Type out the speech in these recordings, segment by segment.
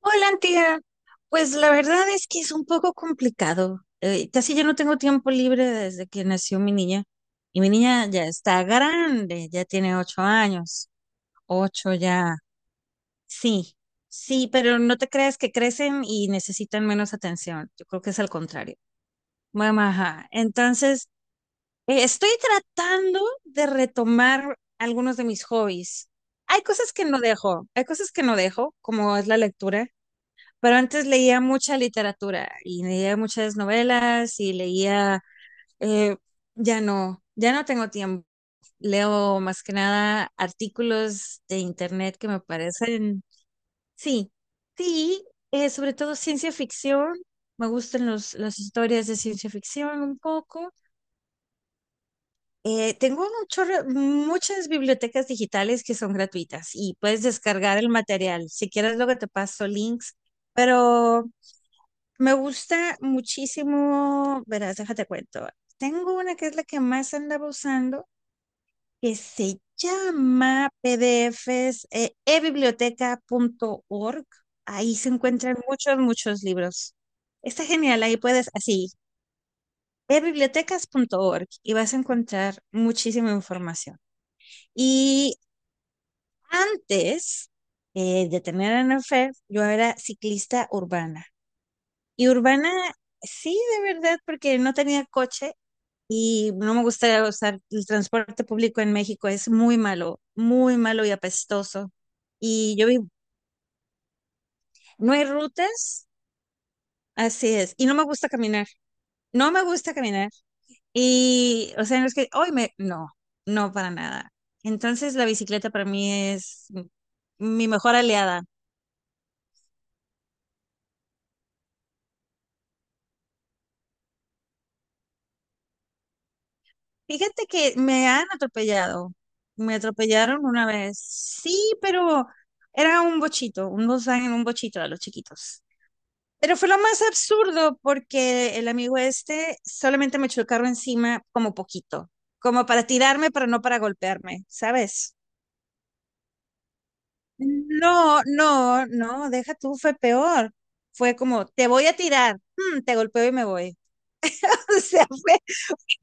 Hola, Antía. Pues la verdad es que es un poco complicado. Casi ya no tengo tiempo libre desde que nació mi niña. Y mi niña ya está grande, ya tiene 8 años. Ocho ya. Sí, sí, pero no te creas que crecen y necesitan menos atención. Yo creo que es al contrario. Mamá, ajá. Entonces, estoy tratando de retomar algunos de mis hobbies. Hay cosas que no dejo, hay cosas que no dejo, como es la lectura. Pero antes leía mucha literatura y leía muchas novelas y leía, eh, ya no, ya no tengo tiempo. Leo más que nada artículos de internet que me parecen, sí, sí, sobre todo ciencia ficción. Me gustan los, las historias de ciencia ficción un poco. Tengo un muchas bibliotecas digitales que son gratuitas y puedes descargar el material. Si quieres, luego te paso links. Pero me gusta muchísimo, verás, déjate cuento. Tengo una que es la que más andaba usando, que se llama PDFs, ebiblioteca punto org. Ahí se encuentran muchos, muchos libros. Está genial, ahí puedes, así, ebibliotecas punto org y vas a encontrar muchísima información. Y antes de tener a Anafer, yo era ciclista urbana. Y urbana Sí, de verdad, porque no tenía coche. Y no me gusta usar el transporte público en México, es muy malo y apestoso. Y yo vivo, no hay rutas, así es, y no me gusta caminar, no me gusta caminar. Y, o sea, no es que, hoy me, no, no para nada. Entonces la bicicleta para mí es mi mejor aliada. Fíjate que me han atropellado, me atropellaron una vez, sí, pero era un bochito, un Volkswagen, un bochito a los chiquitos. Pero fue lo más absurdo porque el amigo este solamente me echó el carro encima como poquito, como para tirarme, pero no para golpearme, ¿sabes? No, no, no, deja tú, fue peor. Fue como, te voy a tirar, te golpeo y me voy. O sea, fue,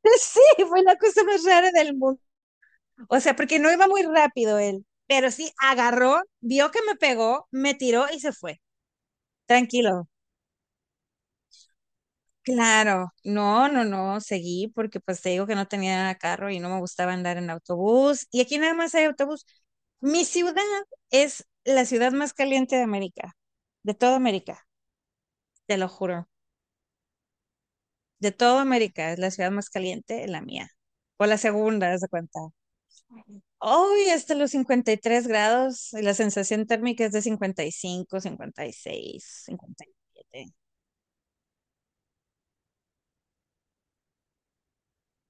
sí, fue la cosa más rara del mundo. O sea, porque no iba muy rápido él, pero sí agarró, vio que me pegó, me tiró y se fue. Tranquilo. Claro, no, no, no, seguí porque pues te digo que no tenía carro y no me gustaba andar en autobús. Y aquí nada más hay autobús. Mi ciudad es la ciudad más caliente de América, de toda América, te lo juro. De toda América es la ciudad más caliente, la mía. O la segunda, haz de cuenta. Hoy hasta los 53 grados y la sensación térmica es de 55, 56, 57.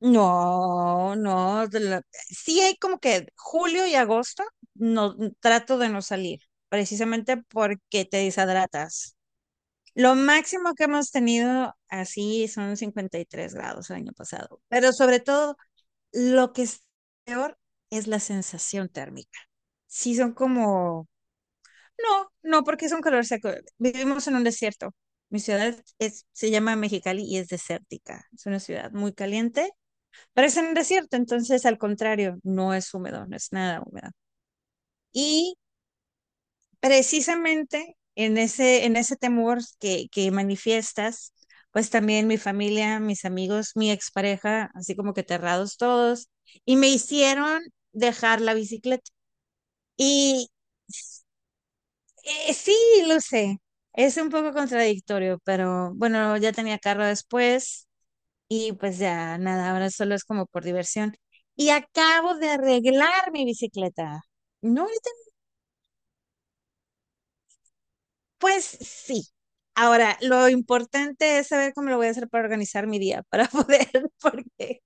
No, no, sí hay como que julio y agosto no trato de no salir, precisamente porque te deshidratas. Lo máximo que hemos tenido así son 53 grados el año pasado, pero sobre todo lo que es peor es la sensación térmica. Sí son como, no, no, porque es un calor seco. Vivimos en un desierto. Mi ciudad es, se llama Mexicali y es desértica. Es una ciudad muy caliente. Parece un desierto, entonces al contrario, no es húmedo, no es nada húmedo. Y precisamente en ese temor que manifiestas, pues también mi familia, mis amigos, mi expareja, así como que aterrados todos, y me hicieron dejar la bicicleta. Y sí, lo sé, es un poco contradictorio, pero bueno, ya tenía carro después, y pues ya nada, ahora solo es como por diversión. Y acabo de arreglar mi bicicleta. No, pues sí. Ahora, lo importante es saber cómo lo voy a hacer para organizar mi día, para poder, porque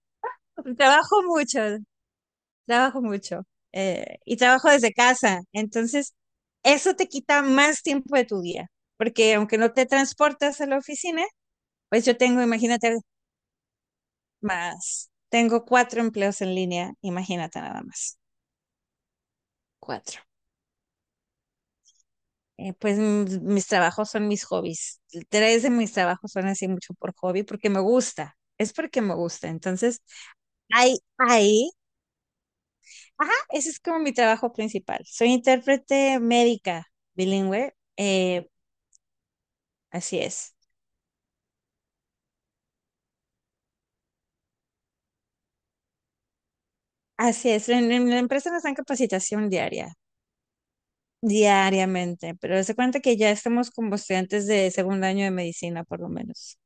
trabajo mucho, trabajo mucho, y trabajo desde casa. Entonces, eso te quita más tiempo de tu día, porque aunque no te transportas a la oficina, pues yo tengo, imagínate, más, tengo cuatro empleos en línea, imagínate nada más, cuatro. Pues mis trabajos son mis hobbies. Tres de mis trabajos son así mucho por hobby porque me gusta. Es porque me gusta. Entonces, ahí, ahí, ajá, ese es como mi trabajo principal. Soy intérprete médica bilingüe. Así es. Así es. En la empresa nos dan capacitación diaria, diariamente, pero se cuenta que ya estamos como estudiantes de segundo año de medicina, por lo menos.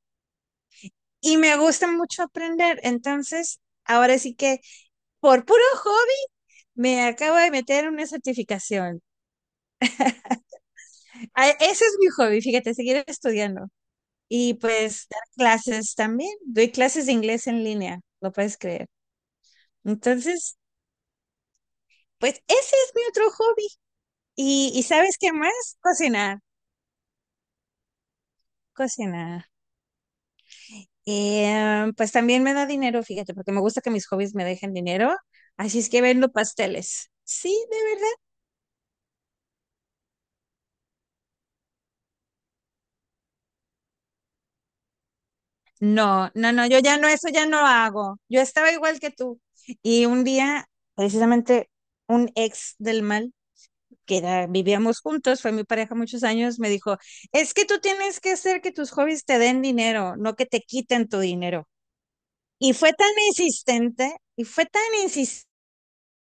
Y me gusta mucho aprender. Entonces, ahora sí que por puro hobby me acabo de meter en una certificación. Ah, ese es mi hobby, fíjate, seguir estudiando. Y pues dar clases también. Doy clases de inglés en línea, lo puedes creer. Entonces, pues ese es mi otro hobby. Y ¿sabes qué más? Cocinar, cocinar. Y, pues también me da dinero, fíjate, porque me gusta que mis hobbies me dejen dinero. Así es que vendo pasteles. Sí, de. No, no, no, yo ya no, eso ya no hago. Yo estaba igual que tú. Y un día, precisamente, un ex del mal, que vivíamos juntos, fue mi pareja muchos años, me dijo, es que tú tienes que hacer que tus hobbies te den dinero, no que te quiten tu dinero. Y fue tan insistente, y fue tan insistente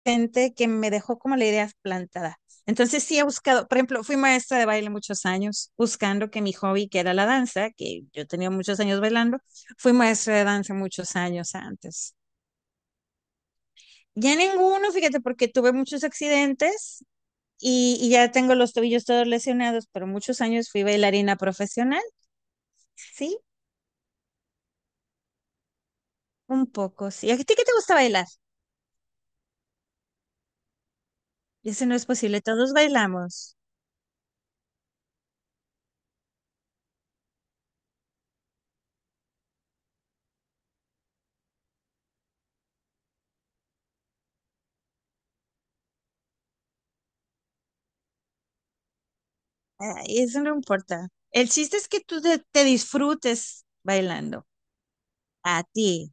gente que me dejó como la idea plantada. Entonces sí he buscado, por ejemplo, fui maestra de baile muchos años, buscando que mi hobby, que era la danza, que yo tenía muchos años bailando, fui maestra de danza muchos años antes. Ya ninguno, fíjate, porque tuve muchos accidentes y ya tengo los tobillos todos lesionados, pero muchos años fui bailarina profesional, sí, un poco, sí. ¿A ti qué te gusta bailar? Y eso no es posible, todos bailamos. Ay, eso no importa. El chiste es que tú te disfrutes bailando. A ti.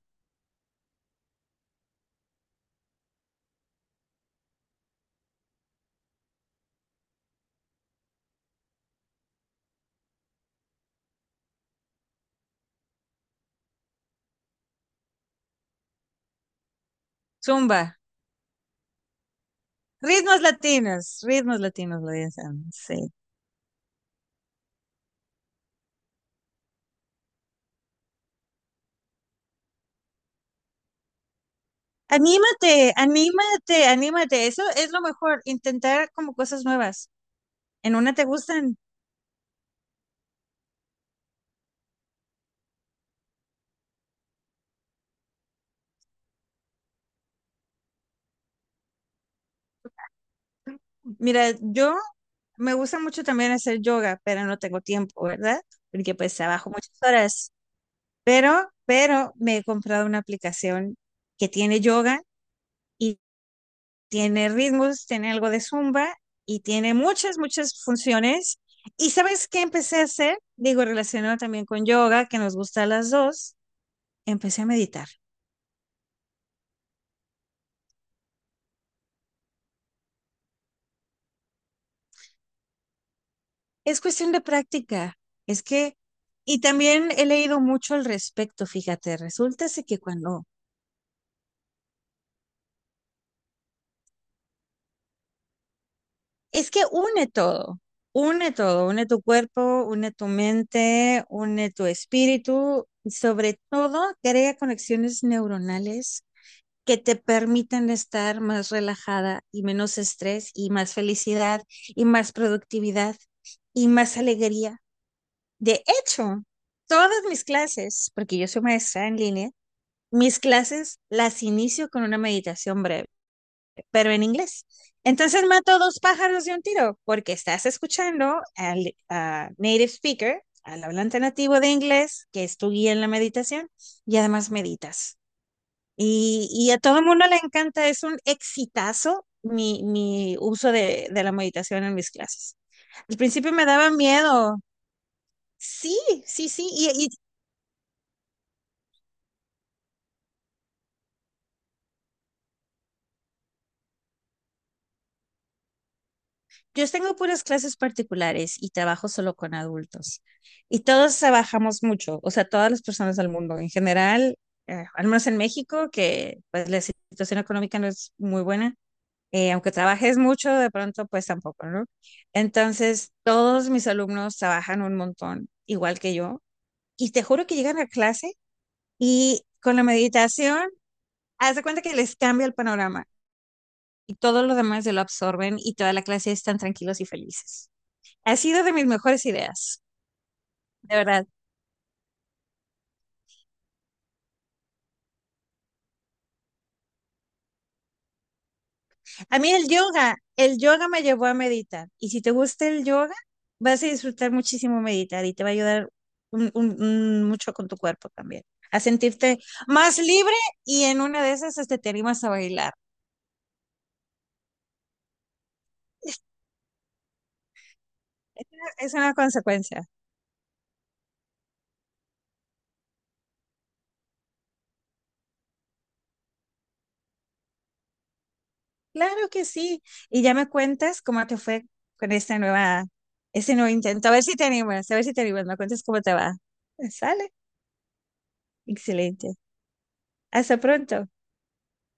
Zumba. Ritmos latinos lo dicen, sí. Anímate, anímate, anímate. Eso es lo mejor, intentar como cosas nuevas. En una te gustan. Mira, yo me gusta mucho también hacer yoga, pero no tengo tiempo, ¿verdad? Porque pues trabajo muchas horas. Pero, me he comprado una aplicación que tiene yoga, tiene ritmos, tiene algo de zumba y tiene muchas, muchas funciones. ¿Y sabes qué empecé a hacer? Digo, relacionado también con yoga, que nos gusta a las dos, empecé a meditar. Es cuestión de práctica. Es que, y también he leído mucho al respecto, fíjate, resulta ser que cuando, es que une todo, une todo, une tu cuerpo, une tu mente, une tu espíritu y sobre todo crea conexiones neuronales que te permiten estar más relajada y menos estrés y más felicidad y más productividad y más alegría. De hecho, todas mis clases, porque yo soy maestra en línea, mis clases las inicio con una meditación breve, pero en inglés. Entonces mato dos pájaros de un tiro, porque estás escuchando al a native speaker, al hablante nativo de inglés, que es tu guía en la meditación, y además meditas. Y a todo el mundo le encanta, es un exitazo mi uso de la meditación en mis clases. Al principio me daba miedo. Sí, sí, sí. Y yo tengo puras clases particulares y trabajo solo con adultos. Y todos trabajamos mucho, o sea, todas las personas del mundo en general, al menos en México, que pues la situación económica no es muy buena. Aunque trabajes mucho, de pronto pues tampoco, ¿no? Entonces, todos mis alumnos trabajan un montón, igual que yo y te juro que llegan a clase y con la meditación, haz de cuenta que les cambia el panorama y todo lo demás se lo absorben y toda la clase están tranquilos y felices. Ha sido de mis mejores ideas, de verdad. A mí el yoga me llevó a meditar y si te gusta el yoga, vas a disfrutar muchísimo meditar y te va a ayudar un mucho con tu cuerpo también, a sentirte más libre y en una de esas este, te animas a bailar. es una, consecuencia. Claro que sí. Y ya me cuentas cómo te fue con esta nueva, ese nuevo intento. A ver si te animas, a ver si te animas. Me cuentas cómo te va. Sale. Excelente. Hasta pronto.